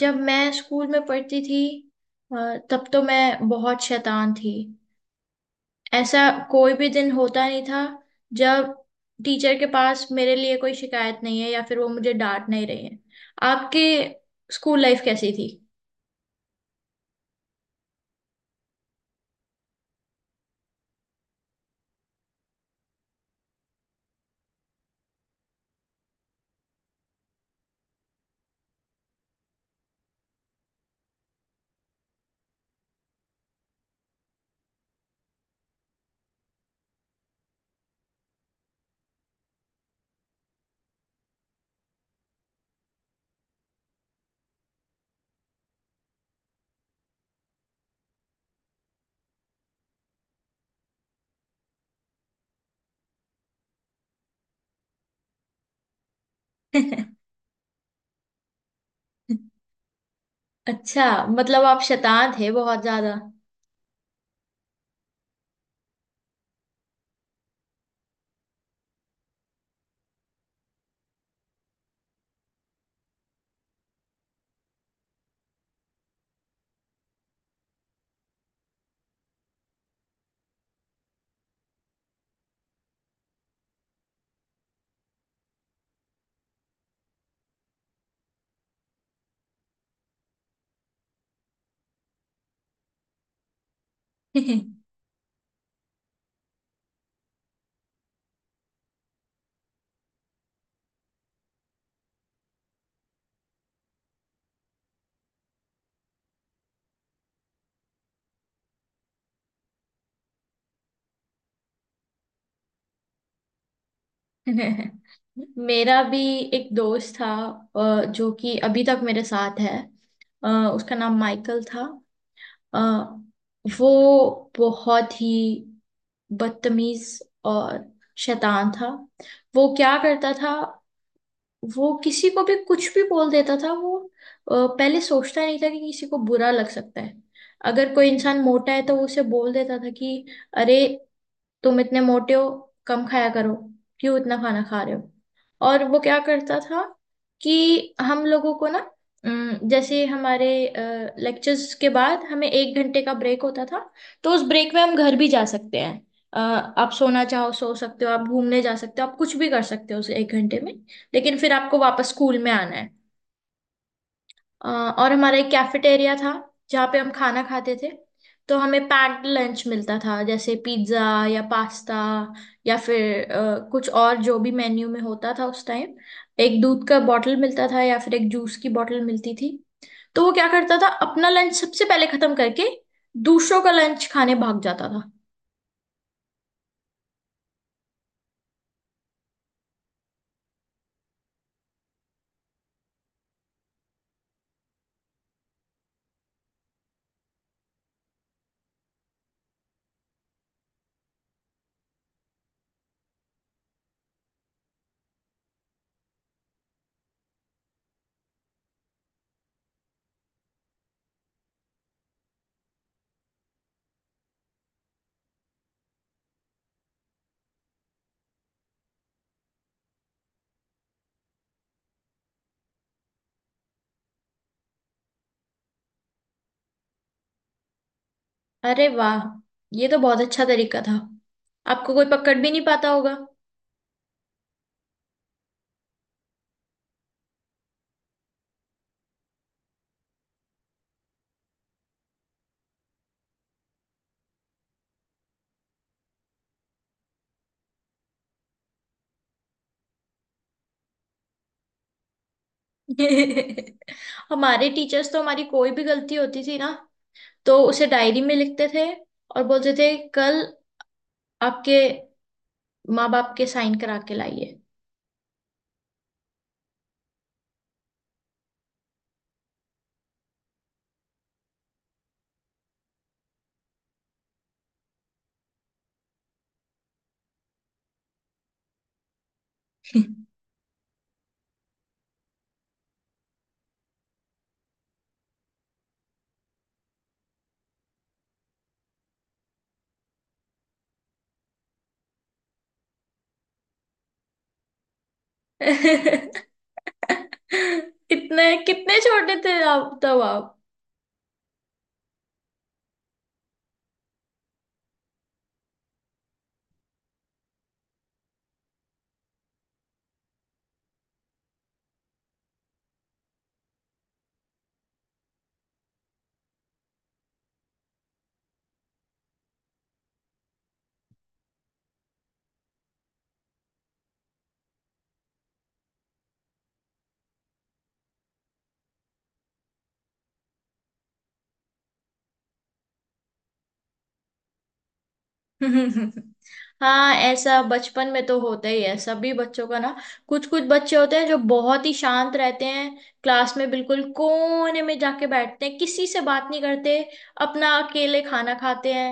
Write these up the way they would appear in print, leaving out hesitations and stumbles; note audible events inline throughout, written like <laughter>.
जब मैं स्कूल में पढ़ती थी तब तो मैं बहुत शैतान थी। ऐसा कोई भी दिन होता नहीं था जब टीचर के पास मेरे लिए कोई शिकायत नहीं है या फिर वो मुझे डांट नहीं रही है। आपके स्कूल लाइफ कैसी थी? <laughs> अच्छा, मतलब आप शैतान थे बहुत ज्यादा। <laughs> मेरा भी एक दोस्त था जो कि अभी तक मेरे साथ है। अ, उसका नाम माइकल था। आ, वो बहुत ही बदतमीज और शैतान था। वो क्या करता था, वो किसी को भी कुछ भी बोल देता था। वो पहले सोचता नहीं था कि किसी को बुरा लग सकता है। अगर कोई इंसान मोटा है तो वो उसे बोल देता था कि अरे, तुम इतने मोटे हो, कम खाया करो, क्यों इतना खाना खा रहे हो। और वो क्या करता था कि हम लोगों को ना, जैसे हमारे लेक्चर्स के बाद हमें एक घंटे का ब्रेक होता था। तो उस ब्रेक में हम घर भी जा सकते हैं, आप सोना चाहो सो सकते हो, आप घूमने जा सकते हो, आप कुछ भी कर सकते हो उस एक घंटे में। लेकिन फिर आपको वापस स्कूल में आना है। अ, और हमारा एक कैफेटेरिया था जहाँ पे हम खाना खाते थे। तो हमें पैक्ड लंच मिलता था, जैसे पिज्ज़ा या पास्ता या फिर कुछ और जो भी मेन्यू में होता था उस टाइम। एक दूध का बॉटल मिलता था या फिर एक जूस की बॉटल मिलती थी। तो वो क्या करता था, अपना लंच सबसे पहले खत्म करके दूसरों का लंच खाने भाग जाता था। अरे वाह, ये तो बहुत अच्छा तरीका था, आपको कोई पकड़ भी नहीं पाता होगा। <laughs> हमारे टीचर्स तो हमारी कोई भी गलती होती थी ना, तो उसे डायरी में लिखते थे और बोलते थे कल आपके माँ बाप के साइन करा के लाइए। <laughs> इतने कितने छोटे थे आप तब, आप? <laughs> हाँ, ऐसा बचपन में तो होता ही है सभी बच्चों का ना। कुछ कुछ बच्चे होते हैं जो बहुत ही शांत रहते हैं, क्लास में बिल्कुल कोने में जाके बैठते हैं, किसी से बात नहीं करते, अपना अकेले खाना खाते हैं,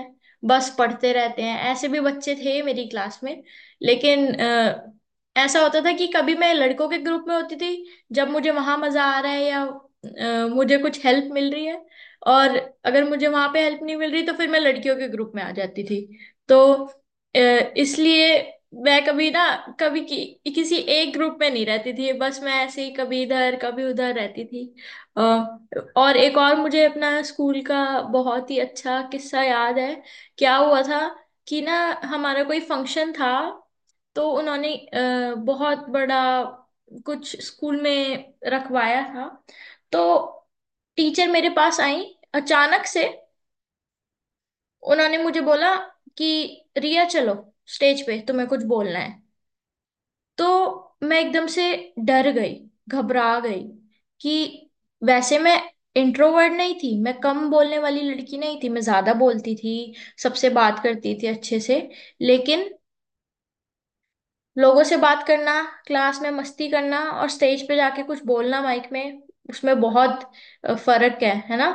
बस पढ़ते रहते हैं। ऐसे भी बच्चे थे मेरी क्लास में। लेकिन ऐसा होता था कि कभी मैं लड़कों के ग्रुप में होती थी, जब मुझे वहां मजा आ रहा है या मुझे कुछ हेल्प मिल रही है। और अगर मुझे वहां पे हेल्प नहीं मिल रही तो फिर मैं लड़कियों के ग्रुप में आ जाती थी। तो अ, इसलिए मैं कभी किसी एक ग्रुप में नहीं रहती थी, बस मैं ऐसे ही कभी इधर कभी उधर रहती थी। अ, और एक और मुझे अपना स्कूल का बहुत ही अच्छा किस्सा याद है। क्या हुआ था कि ना, हमारा कोई फंक्शन था। तो उन्होंने बहुत बड़ा कुछ स्कूल में रखवाया था। तो टीचर मेरे पास आई, अचानक से उन्होंने मुझे बोला कि रिया चलो, स्टेज पे तुम्हें कुछ बोलना है। तो मैं एकदम से डर गई, घबरा गई कि, वैसे मैं इंट्रोवर्ट नहीं थी, मैं कम बोलने वाली लड़की नहीं थी, मैं ज्यादा बोलती थी, सबसे बात करती थी अच्छे से। लेकिन लोगों से बात करना, क्लास में मस्ती करना और स्टेज पे जाके कुछ बोलना माइक में, उसमें बहुत फर्क है ना?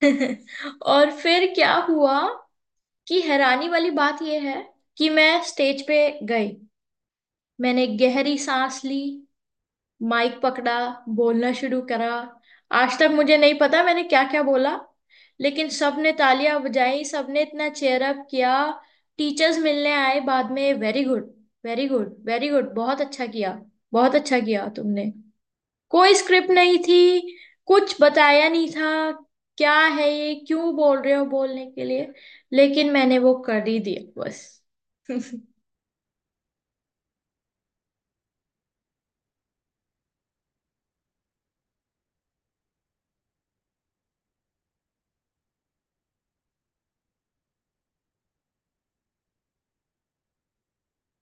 <laughs> और फिर क्या हुआ कि, हैरानी वाली बात यह है कि मैं स्टेज पे गई, मैंने गहरी सांस ली, माइक पकड़ा, बोलना शुरू करा। आज तक मुझे नहीं पता मैंने क्या क्या बोला, लेकिन सबने तालियां बजाई, सबने इतना चेयर अप किया। टीचर्स मिलने आए बाद में, very good, very good, very good, बहुत अच्छा किया, बहुत अच्छा किया तुमने। कोई स्क्रिप्ट नहीं थी, कुछ बताया नहीं था, क्या है ये क्यों बोल रहे हो, बोलने के लिए। लेकिन मैंने वो कर ही दिया बस। <laughs>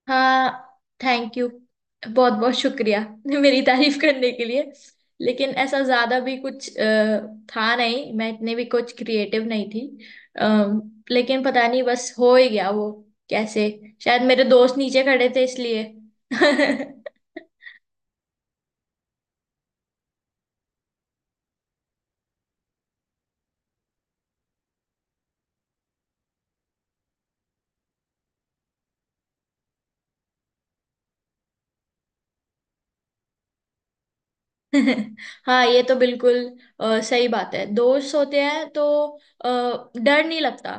हाँ, थैंक यू, बहुत बहुत शुक्रिया। <laughs> मेरी तारीफ करने के लिए, लेकिन ऐसा ज्यादा भी कुछ था नहीं, मैं इतने भी कुछ क्रिएटिव नहीं थी। अम, लेकिन पता नहीं बस हो ही गया वो, कैसे? शायद मेरे दोस्त नीचे खड़े थे इसलिए। <laughs> <laughs> हाँ, ये तो बिल्कुल सही बात है, दोस्त होते हैं तो डर नहीं लगता।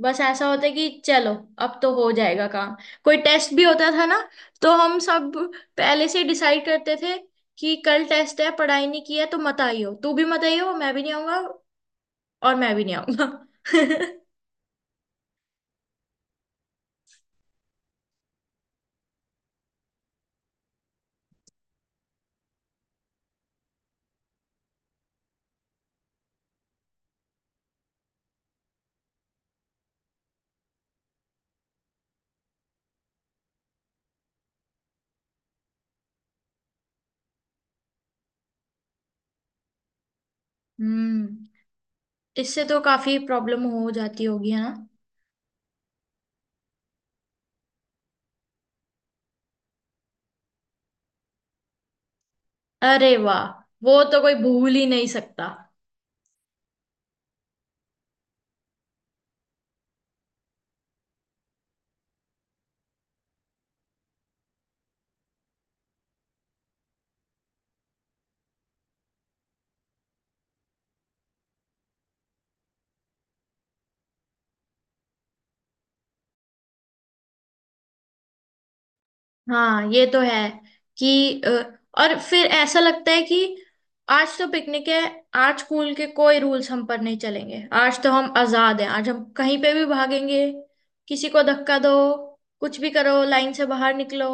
बस ऐसा होता है कि चलो, अब तो हो जाएगा काम। कोई टेस्ट भी होता था ना, तो हम सब पहले से डिसाइड करते थे कि कल टेस्ट है, पढ़ाई नहीं की है, तो मत आइयो, तू भी मत आइयो, मैं भी नहीं आऊंगा और मैं भी नहीं आऊंगा। <laughs> हम्म, इससे तो काफी प्रॉब्लम हो जाती होगी, है ना? अरे वाह, वो तो कोई भूल ही नहीं सकता। हाँ, ये तो है कि और फिर ऐसा लगता है कि आज तो पिकनिक है, आज स्कूल के कोई रूल्स हम पर नहीं चलेंगे, आज तो हम आजाद हैं, आज हम कहीं पे भी भागेंगे, किसी को धक्का दो, कुछ भी करो, लाइन से बाहर निकलो,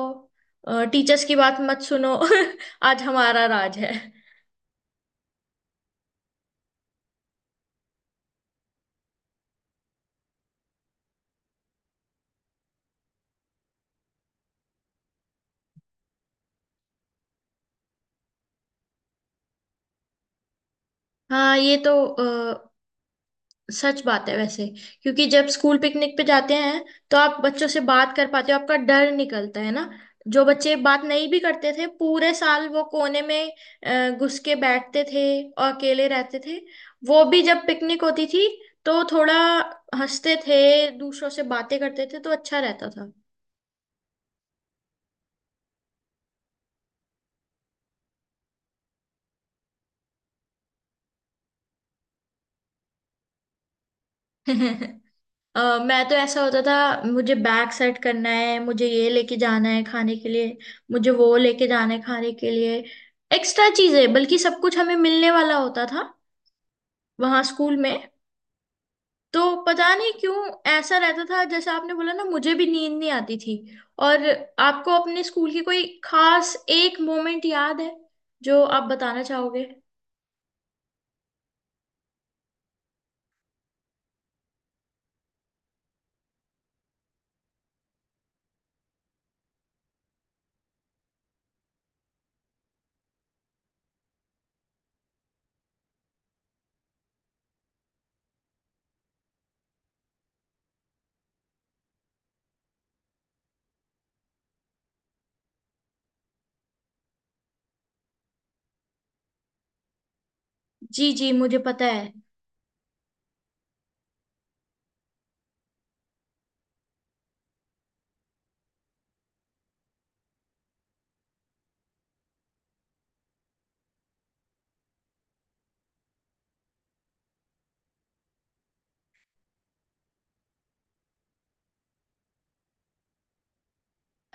टीचर्स की बात मत सुनो। <laughs> आज हमारा राज है। हाँ, ये तो सच बात है वैसे, क्योंकि जब स्कूल पिकनिक पे जाते हैं तो आप बच्चों से बात कर पाते हो, आपका डर निकलता है ना। जो बच्चे बात नहीं भी करते थे पूरे साल, वो कोने में घुस के बैठते थे और अकेले रहते थे, वो भी जब पिकनिक होती थी तो थोड़ा हंसते थे, दूसरों से बातें करते थे, तो अच्छा रहता था। <laughs> अ, मैं तो, ऐसा होता था मुझे, बैग सेट करना है, मुझे ये लेके जाना है खाने के लिए, मुझे वो लेके जाना है खाने के लिए, एक्स्ट्रा चीजें, बल्कि सब कुछ हमें मिलने वाला होता था वहां स्कूल में, तो पता नहीं क्यों ऐसा रहता था। जैसे आपने बोला ना, मुझे भी नींद नहीं आती थी। और आपको अपने स्कूल की कोई खास एक मोमेंट याद है जो आप बताना चाहोगे? जी जी, मुझे पता है।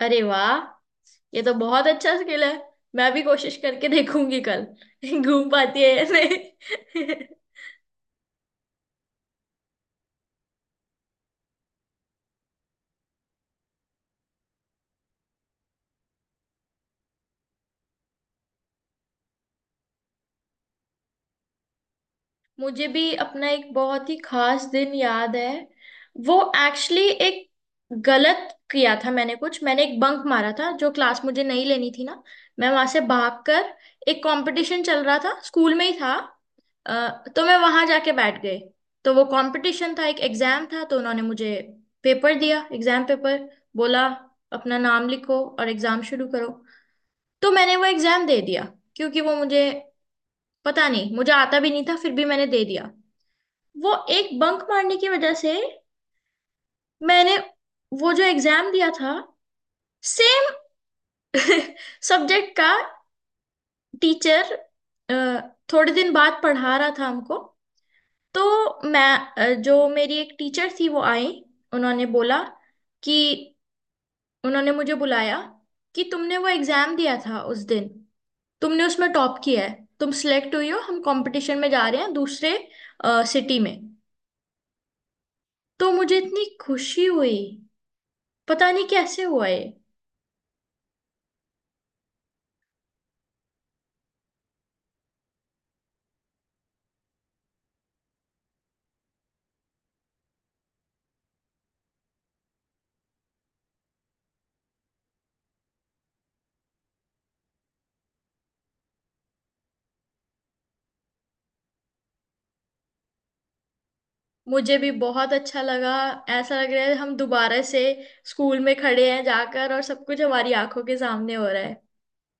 अरे वाह, ये तो बहुत अच्छा स्किल है, मैं भी कोशिश करके देखूंगी कल <laughs> घूम पाती है या नहीं। <laughs> मुझे भी अपना एक बहुत ही खास दिन याद है। वो एक्चुअली, एक गलत किया था मैंने कुछ, मैंने एक बंक मारा था जो क्लास मुझे नहीं लेनी थी ना। मैं वहां से भागकर, एक कंपटीशन चल रहा था स्कूल में ही था, तो मैं वहां जाके बैठ गई। तो वो कंपटीशन था, एक एग्जाम था, तो उन्होंने मुझे पेपर दिया, एग्जाम पेपर, बोला अपना नाम लिखो और एग्जाम शुरू करो। तो मैंने वो एग्जाम दे दिया, क्योंकि वो मुझे, पता नहीं, मुझे आता भी नहीं था, फिर भी मैंने दे दिया। वो एक बंक मारने की वजह से मैंने वो जो एग्जाम दिया था, सेम <laughs> सब्जेक्ट का टीचर अ, थोड़े दिन बाद पढ़ा रहा था हमको। तो मैं जो मेरी एक टीचर थी वो आई, उन्होंने बोला कि, उन्होंने मुझे बुलाया कि तुमने वो एग्जाम दिया था उस दिन, तुमने उसमें टॉप किया है, तुम सिलेक्ट हुई हो, हम कंपटीशन में जा रहे हैं दूसरे सिटी में। तो मुझे इतनी खुशी हुई, पता नहीं कैसे हुआ ये। मुझे भी बहुत अच्छा लगा, ऐसा लग रहा है हम दोबारा से स्कूल में खड़े हैं जाकर और सब कुछ हमारी आंखों के सामने हो रहा है।